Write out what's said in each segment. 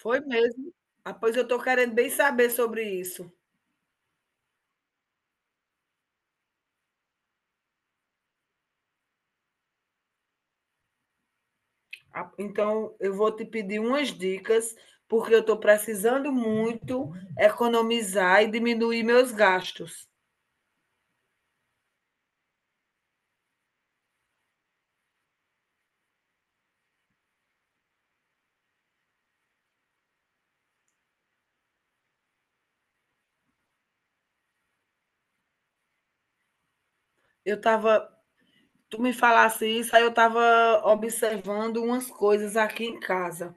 Foi mesmo. Ah, pois eu estou querendo bem saber sobre isso. Ah, então, eu vou te pedir umas dicas, porque eu estou precisando muito economizar e diminuir meus gastos. Eu tava, tu me falasse isso, aí eu estava observando umas coisas aqui em casa.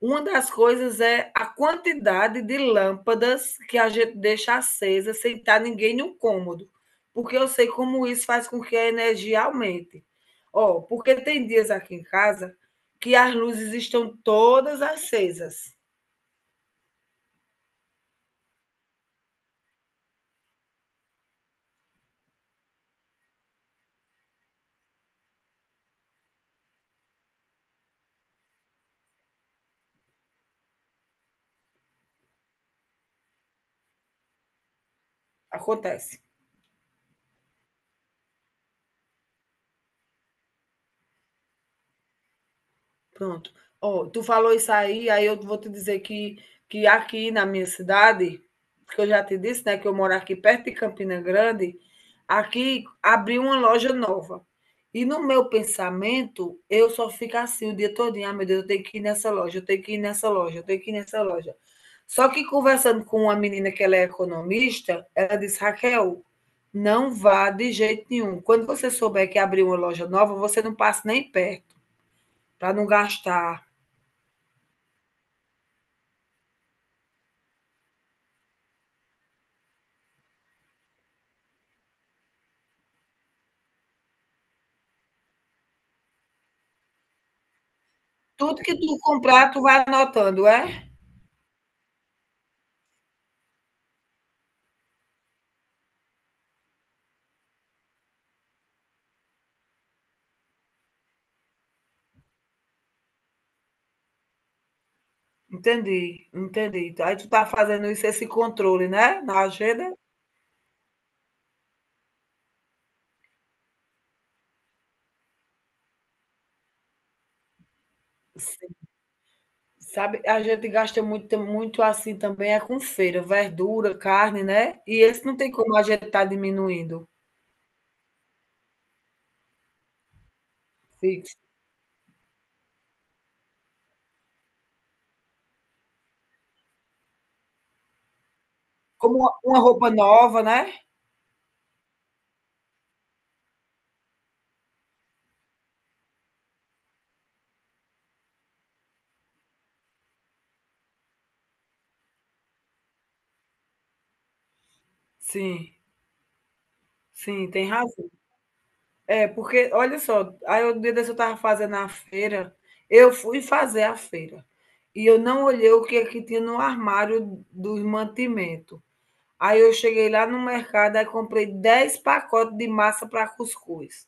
Uma das coisas é a quantidade de lâmpadas que a gente deixa acesa sem estar ninguém no cômodo, porque eu sei como isso faz com que a energia aumente. Ó, porque tem dias aqui em casa que as luzes estão todas acesas. Acontece. Pronto. Ó, tu falou isso aí, aí eu vou te dizer que aqui na minha cidade, que eu já te disse, né, que eu moro aqui perto de Campina Grande, aqui abriu uma loja nova. E no meu pensamento, eu só fico assim o dia todinho, ah, meu Deus, eu tenho que ir nessa loja, eu tenho que ir nessa loja, eu tenho que ir nessa loja. Só que conversando com uma menina que ela é economista, ela disse, Raquel, não vá de jeito nenhum. Quando você souber que abriu uma loja nova, você não passa nem perto, para não gastar. Tudo que tu comprar, tu vai anotando, é? Entendi, entendi. Então, aí tu tá fazendo isso, esse controle, né? Na agenda. Sim. Sabe, a gente gasta muito, muito assim também, é com feira, verdura, carne, né? E esse não tem como a gente tá diminuindo, fixo. Como uma roupa nova, né? Sim, sim, tem razão. É, porque, olha só, aí o dia desse eu estava fazendo a feira, eu fui fazer a feira, e eu não olhei o que é que tinha no armário dos mantimentos. Aí eu cheguei lá no mercado e comprei 10 pacotes de massa para cuscuz.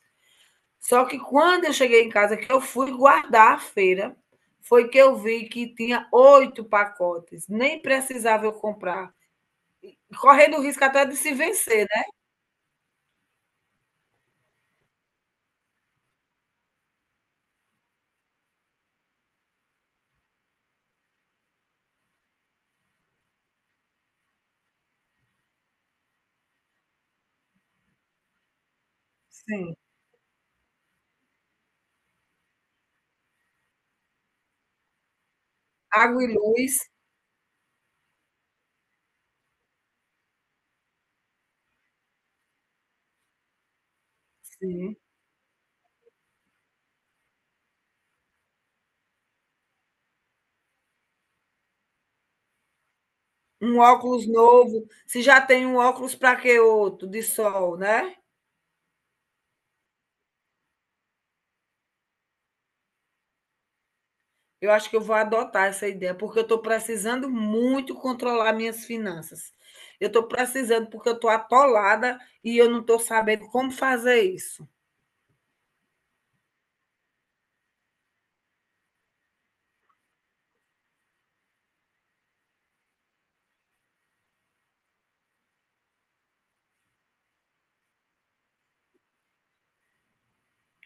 Só que quando eu cheguei em casa, que eu fui guardar a feira, foi que eu vi que tinha 8 pacotes. Nem precisava eu comprar. Correndo o risco até de se vencer, né? Sim. Água e luz, sim. Um óculos novo. Se já tem um óculos, para que outro? De sol, né? Eu acho que eu vou adotar essa ideia, porque eu estou precisando muito controlar minhas finanças. Eu estou precisando, porque eu estou atolada e eu não estou sabendo como fazer isso.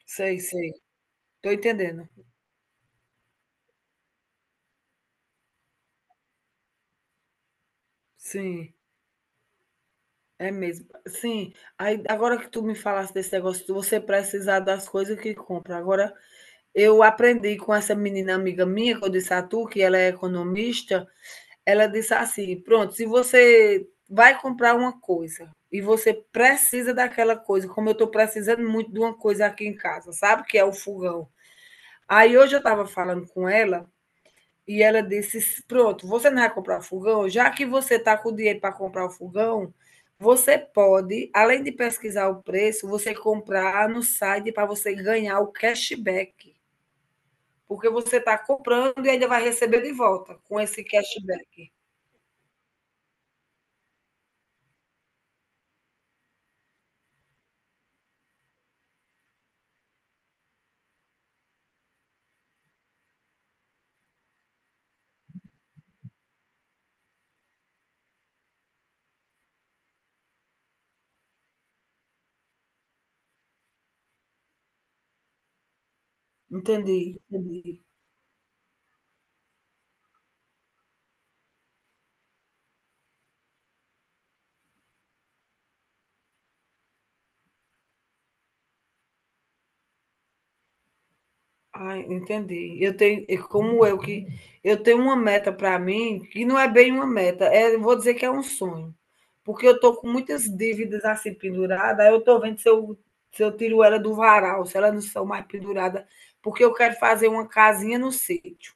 Sei, sei. Estou entendendo. Sim, é mesmo. Sim, aí, agora que tu me falaste desse negócio de você precisar das coisas que compra. Agora, eu aprendi com essa menina amiga minha, que eu disse a tu, que ela é economista. Ela disse assim: "Pronto, se você vai comprar uma coisa e você precisa daquela coisa, como eu estou precisando muito de uma coisa aqui em casa, sabe, que é o fogão". Aí hoje eu estava falando com ela e ela disse: pronto, você não vai comprar o fogão? Já que você está com o dinheiro para comprar o fogão, você pode, além de pesquisar o preço, você comprar no site para você ganhar o cashback, porque você está comprando e ainda vai receber de volta com esse cashback". Entendi, entendi. Ah, entendi. Eu tenho, e como eu que eu tenho uma meta para mim, que não é bem uma meta, é, eu vou dizer que é um sonho. Porque eu tô com muitas dívidas assim pendurada, aí eu tô vendo se eu se eu tiro ela do varal, se ela não são mais pendurada, porque eu quero fazer uma casinha no sítio.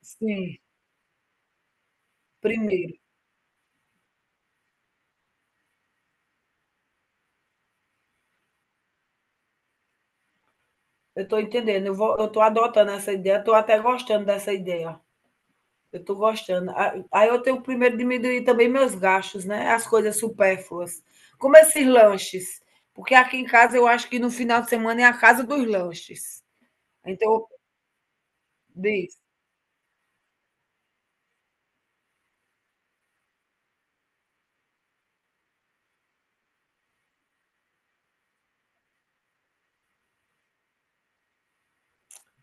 Sim. Primeiro, eu estou entendendo, eu vou, eu estou adotando essa ideia, estou até gostando dessa ideia. Eu estou gostando. Ah, aí eu tenho primeiro diminuir também meus gastos, né? As coisas supérfluas. Como esses lanches. Porque aqui em casa eu acho que no final de semana é a casa dos lanches. Então, diz.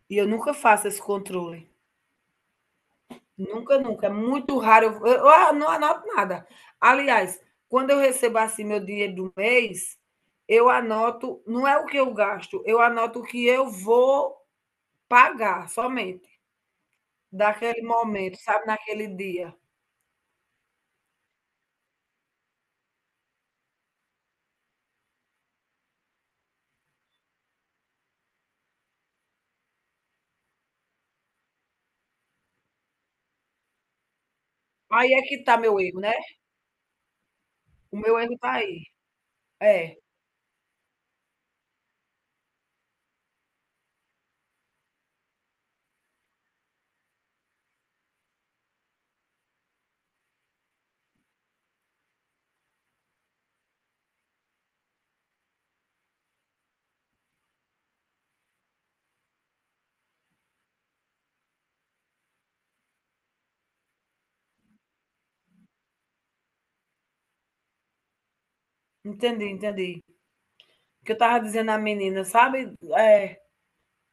E eu nunca faço esse controle. Nunca, nunca. É muito raro. Eu, eu não anoto nada. Aliás, quando eu recebo assim meu dinheiro do mês, eu anoto, não é o que eu gasto, eu anoto o que eu vou pagar somente, daquele momento, sabe, naquele dia. Aí é que tá meu erro, né. O meu erro tá aí. É, entendi, entendi. O que eu tava dizendo à menina, sabe, é,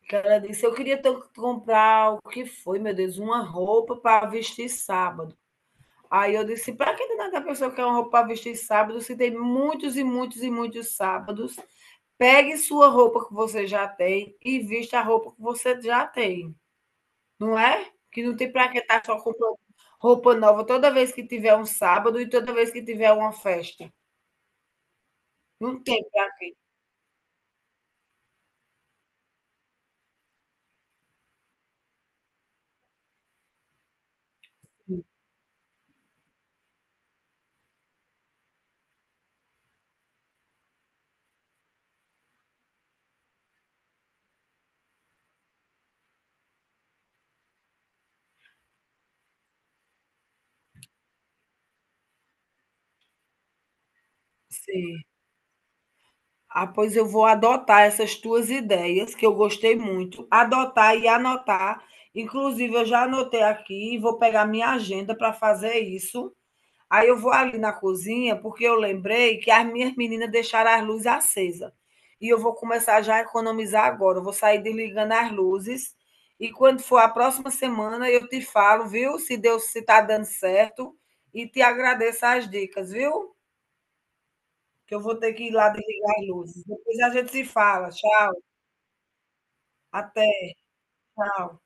que ela disse: "Eu queria tanto comprar", o que foi, meu Deus, uma roupa para vestir sábado. Aí eu disse: para que danada a pessoa quer uma roupa para vestir sábado, se tem muitos e muitos e muitos sábados? Pegue sua roupa que você já tem e vista a roupa que você já tem", não é? Que não tem para que estar só comprando roupa nova toda vez que tiver um sábado e toda vez que tiver uma festa. Não tem pra quem. Sim. Ah, pois eu vou adotar essas tuas ideias, que eu gostei muito, adotar e anotar. Inclusive, eu já anotei aqui e vou pegar minha agenda para fazer isso. Aí eu vou ali na cozinha, porque eu lembrei que as minhas meninas deixaram as luzes acesa. E eu vou começar já a economizar agora. Eu vou sair desligando as luzes. E quando for a próxima semana, eu te falo, viu? Se Deus se tá dando certo. E te agradeço as dicas, viu? Que eu vou ter que ir lá desligar as luzes. Depois a gente se fala. Tchau, até, tchau.